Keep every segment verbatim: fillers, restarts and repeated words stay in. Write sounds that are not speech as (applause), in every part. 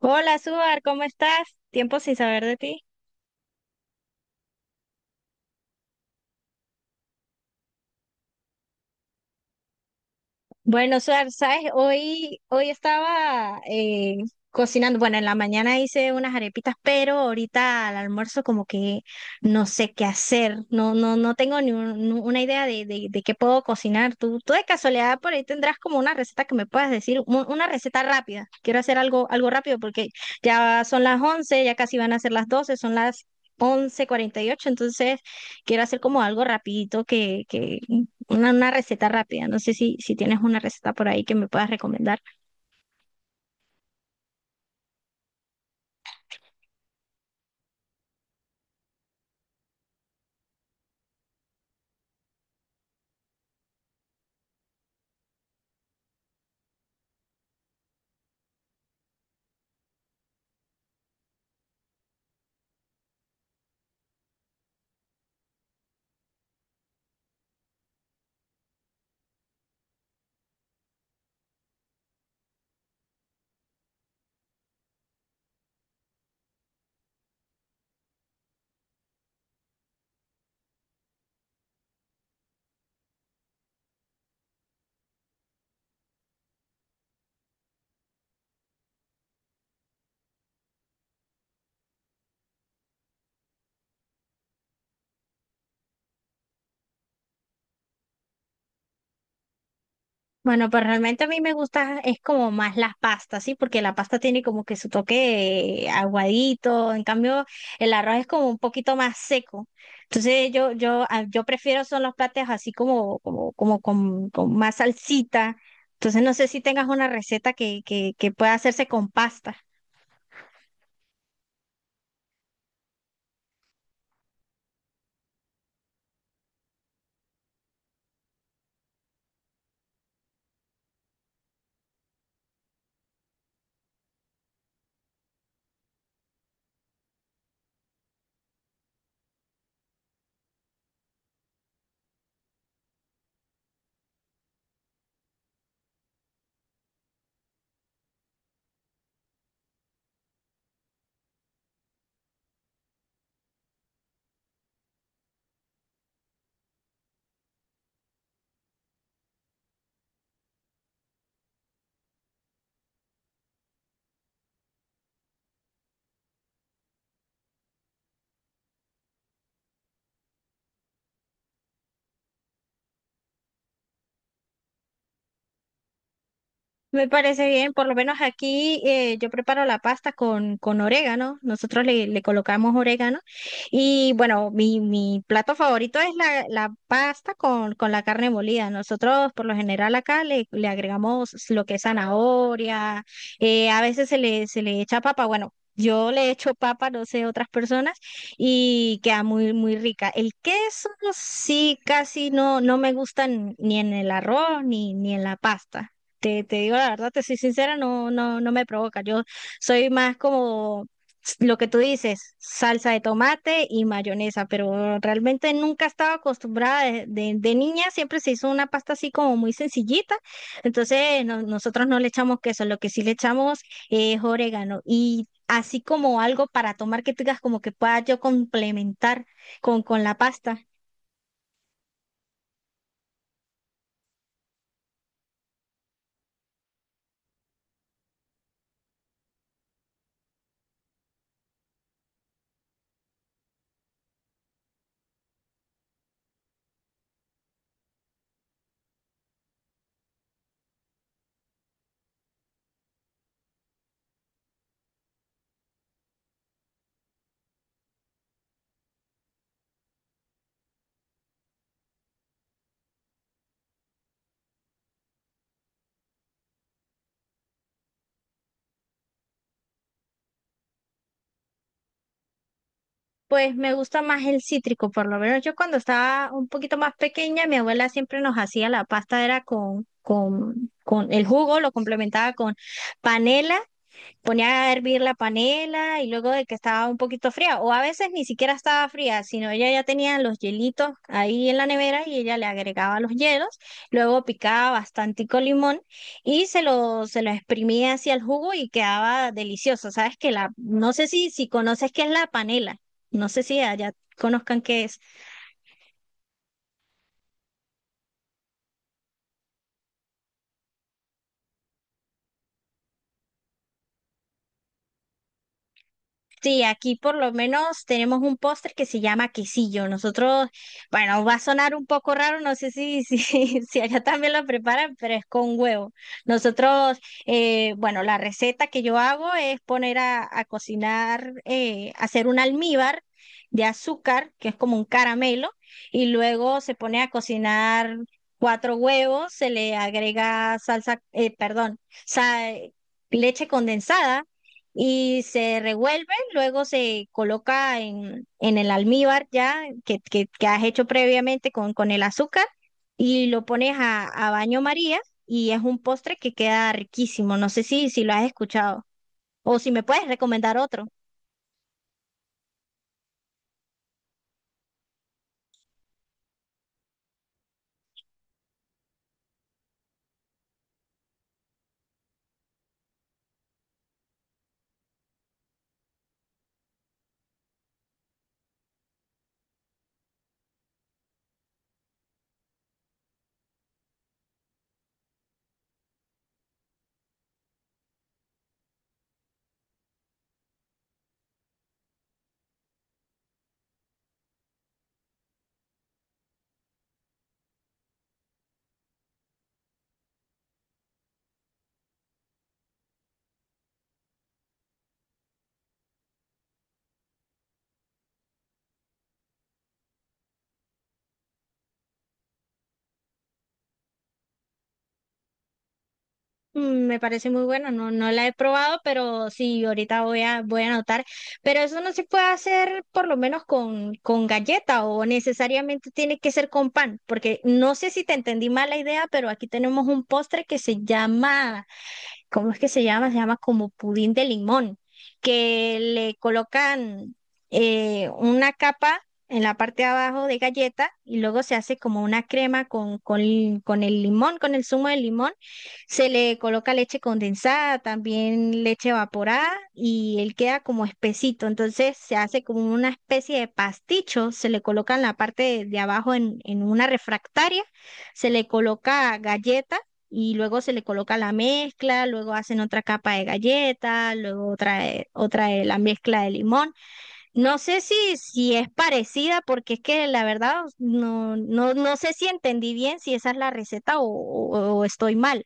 Hola, Suar, ¿cómo estás? Tiempo sin saber de ti. Bueno, Suar, ¿sabes? Hoy, hoy estaba eh, cocinando. Bueno, en la mañana hice unas arepitas, pero ahorita al almuerzo como que no sé qué hacer. No, no, no tengo ni, un- ni una idea de, de, de qué puedo cocinar. Tú, tú de casualidad por ahí tendrás como una receta que me puedas decir, un- una receta rápida. Quiero hacer algo, algo rápido porque ya son las once, ya casi van a ser las doce. Son las once cuarenta y ocho, entonces quiero hacer como algo rapidito que, que, una, una receta rápida. No sé si, si tienes una receta por ahí que me puedas recomendar. Bueno, pues realmente a mí me gusta, es como más las pastas, ¿sí? Porque la pasta tiene como que su toque eh, aguadito, en cambio el arroz es como un poquito más seco. Entonces yo, yo, a- yo prefiero son los platos así como, como, como con, con más salsita. Entonces no sé si tengas una receta que, que, que pueda hacerse con pasta. Me parece bien, por lo menos aquí eh, yo preparo la pasta con, con orégano, nosotros le, le colocamos orégano y bueno, mi, mi plato favorito es la, la pasta con, con la carne molida. Nosotros por lo general acá le, le agregamos lo que es zanahoria, eh, a veces se le, se le echa papa, bueno. Yo le echo papa, no sé, otras personas, y queda muy, muy rica. El queso sí casi no, no me gusta ni en el arroz ni, ni en la pasta. Te, te digo la verdad, te soy sincera, no, no, no me provoca. Yo soy más como lo que tú dices, salsa de tomate y mayonesa, pero realmente nunca estaba acostumbrada de, de- de niña, siempre se hizo una pasta así como muy sencillita, entonces no- nosotros no le echamos queso, lo que sí le echamos es orégano y así como algo para tomar que tengas como que pueda yo complementar con, con la pasta. Pues me gusta más el cítrico, por lo menos yo cuando estaba un poquito más pequeña, mi abuela siempre nos hacía la pasta, era con, con, con el jugo, lo complementaba con panela. Ponía a hervir la panela y luego de que estaba un poquito fría, o a veces ni siquiera estaba fría, sino ella ya tenía los hielitos ahí en la nevera y ella le agregaba los hielos, luego picaba bastantico limón y se lo, se lo exprimía hacia el jugo y quedaba delicioso. Sabes que la, no sé si, si conoces qué es la panela, no sé si allá conozcan qué es. Sí, aquí por lo menos tenemos un postre que se llama quesillo. Nosotros, bueno, va a sonar un poco raro, no sé si, si, (laughs) si allá también lo preparan, pero es con huevo. Nosotros, eh, bueno, la receta que yo hago es poner a, a cocinar, eh, hacer un almíbar de azúcar, que es como un caramelo, y luego se pone a cocinar cuatro huevos, se le agrega salsa, eh, perdón, sa- leche condensada y se revuelve. Luego se coloca en, en el almíbar ya que, que, que has hecho previamente con, con el azúcar y lo pones a, a baño María y es un postre que queda riquísimo. No sé si, si lo has escuchado o si me puedes recomendar otro. Mm, me parece muy bueno, no, no la he probado, pero sí, ahorita voy a, voy a anotar. Pero eso no se puede hacer por lo menos con, con galleta o necesariamente tiene que ser con pan, porque no sé si te entendí mal la idea, pero aquí tenemos un postre que se llama, ¿cómo es que se llama? Se llama como pudín de limón, que le colocan eh, una capa en la parte de abajo de galleta y luego se hace como una crema con, con, li- con el limón, con el zumo de limón. Se le coloca leche condensada, también leche evaporada y él queda como espesito. Entonces se hace como una especie de pasticho, se le coloca en la parte de, de abajo en, en una refractaria, se le coloca galleta y luego se le coloca la mezcla, luego hacen otra capa de galleta, luego otra, de- otra de la mezcla de limón. No sé si, si es parecida, porque es que la verdad no, no, no sé si entendí bien si esa es la receta o, o- o estoy mal.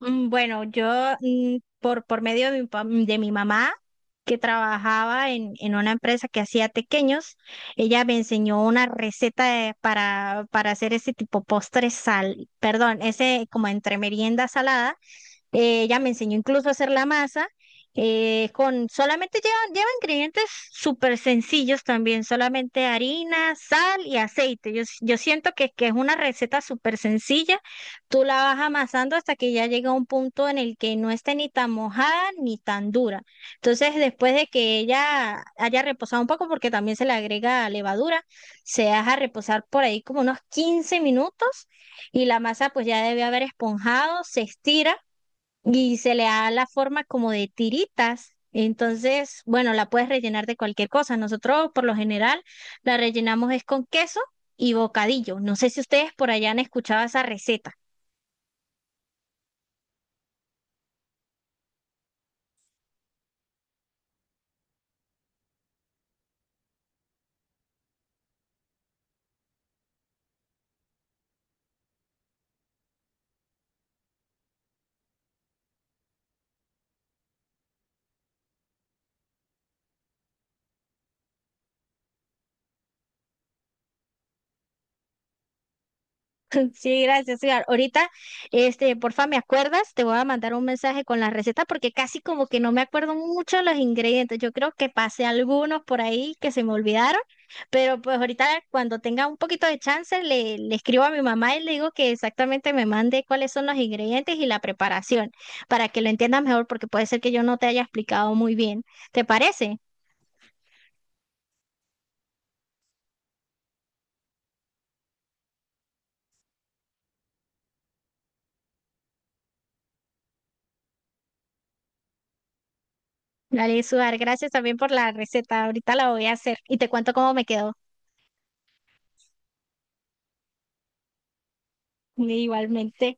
Mm, bueno, yo mm, por, por medio de mi, pa- de mi mamá, que trabajaba en, en una empresa que hacía tequeños, ella me enseñó una receta de- para, para hacer ese tipo postre sal, perdón, ese como entre merienda salada. Eh, ella me enseñó incluso a hacer la masa. Eh, con solamente lleva, lleva ingredientes súper sencillos también, solamente harina, sal y aceite. Yo, s- yo siento que, que es una receta súper sencilla. Tú la vas amasando hasta que ya llega a un punto en el que no esté ni tan mojada ni tan dura. Entonces, después de que ella haya reposado un poco, porque también se le agrega levadura, se deja reposar por ahí como unos quince minutos y la masa pues ya debe haber esponjado, se estira y se le da la forma como de tiritas. Entonces, bueno, la puedes rellenar de cualquier cosa. Nosotros, por lo general, la rellenamos es con queso y bocadillo. No sé si ustedes por allá han escuchado esa receta. (laughs) Sí, gracias, Edgar. Ahorita, este, porfa, ¿me acuerdas? Te voy a mandar un mensaje con la receta porque casi como que no me acuerdo mucho los ingredientes. Yo creo que pasé algunos por ahí que se me olvidaron, pero pues ahorita cuando tenga un poquito de chance le, le escribo a mi mamá y le digo que exactamente me mande cuáles son los ingredientes y la preparación para que lo entiendas mejor porque puede ser que yo no te haya explicado muy bien. ¿Te parece? Dale, Suar, gracias también por la receta. Ahorita la voy a hacer y te cuento cómo me quedó. Igualmente.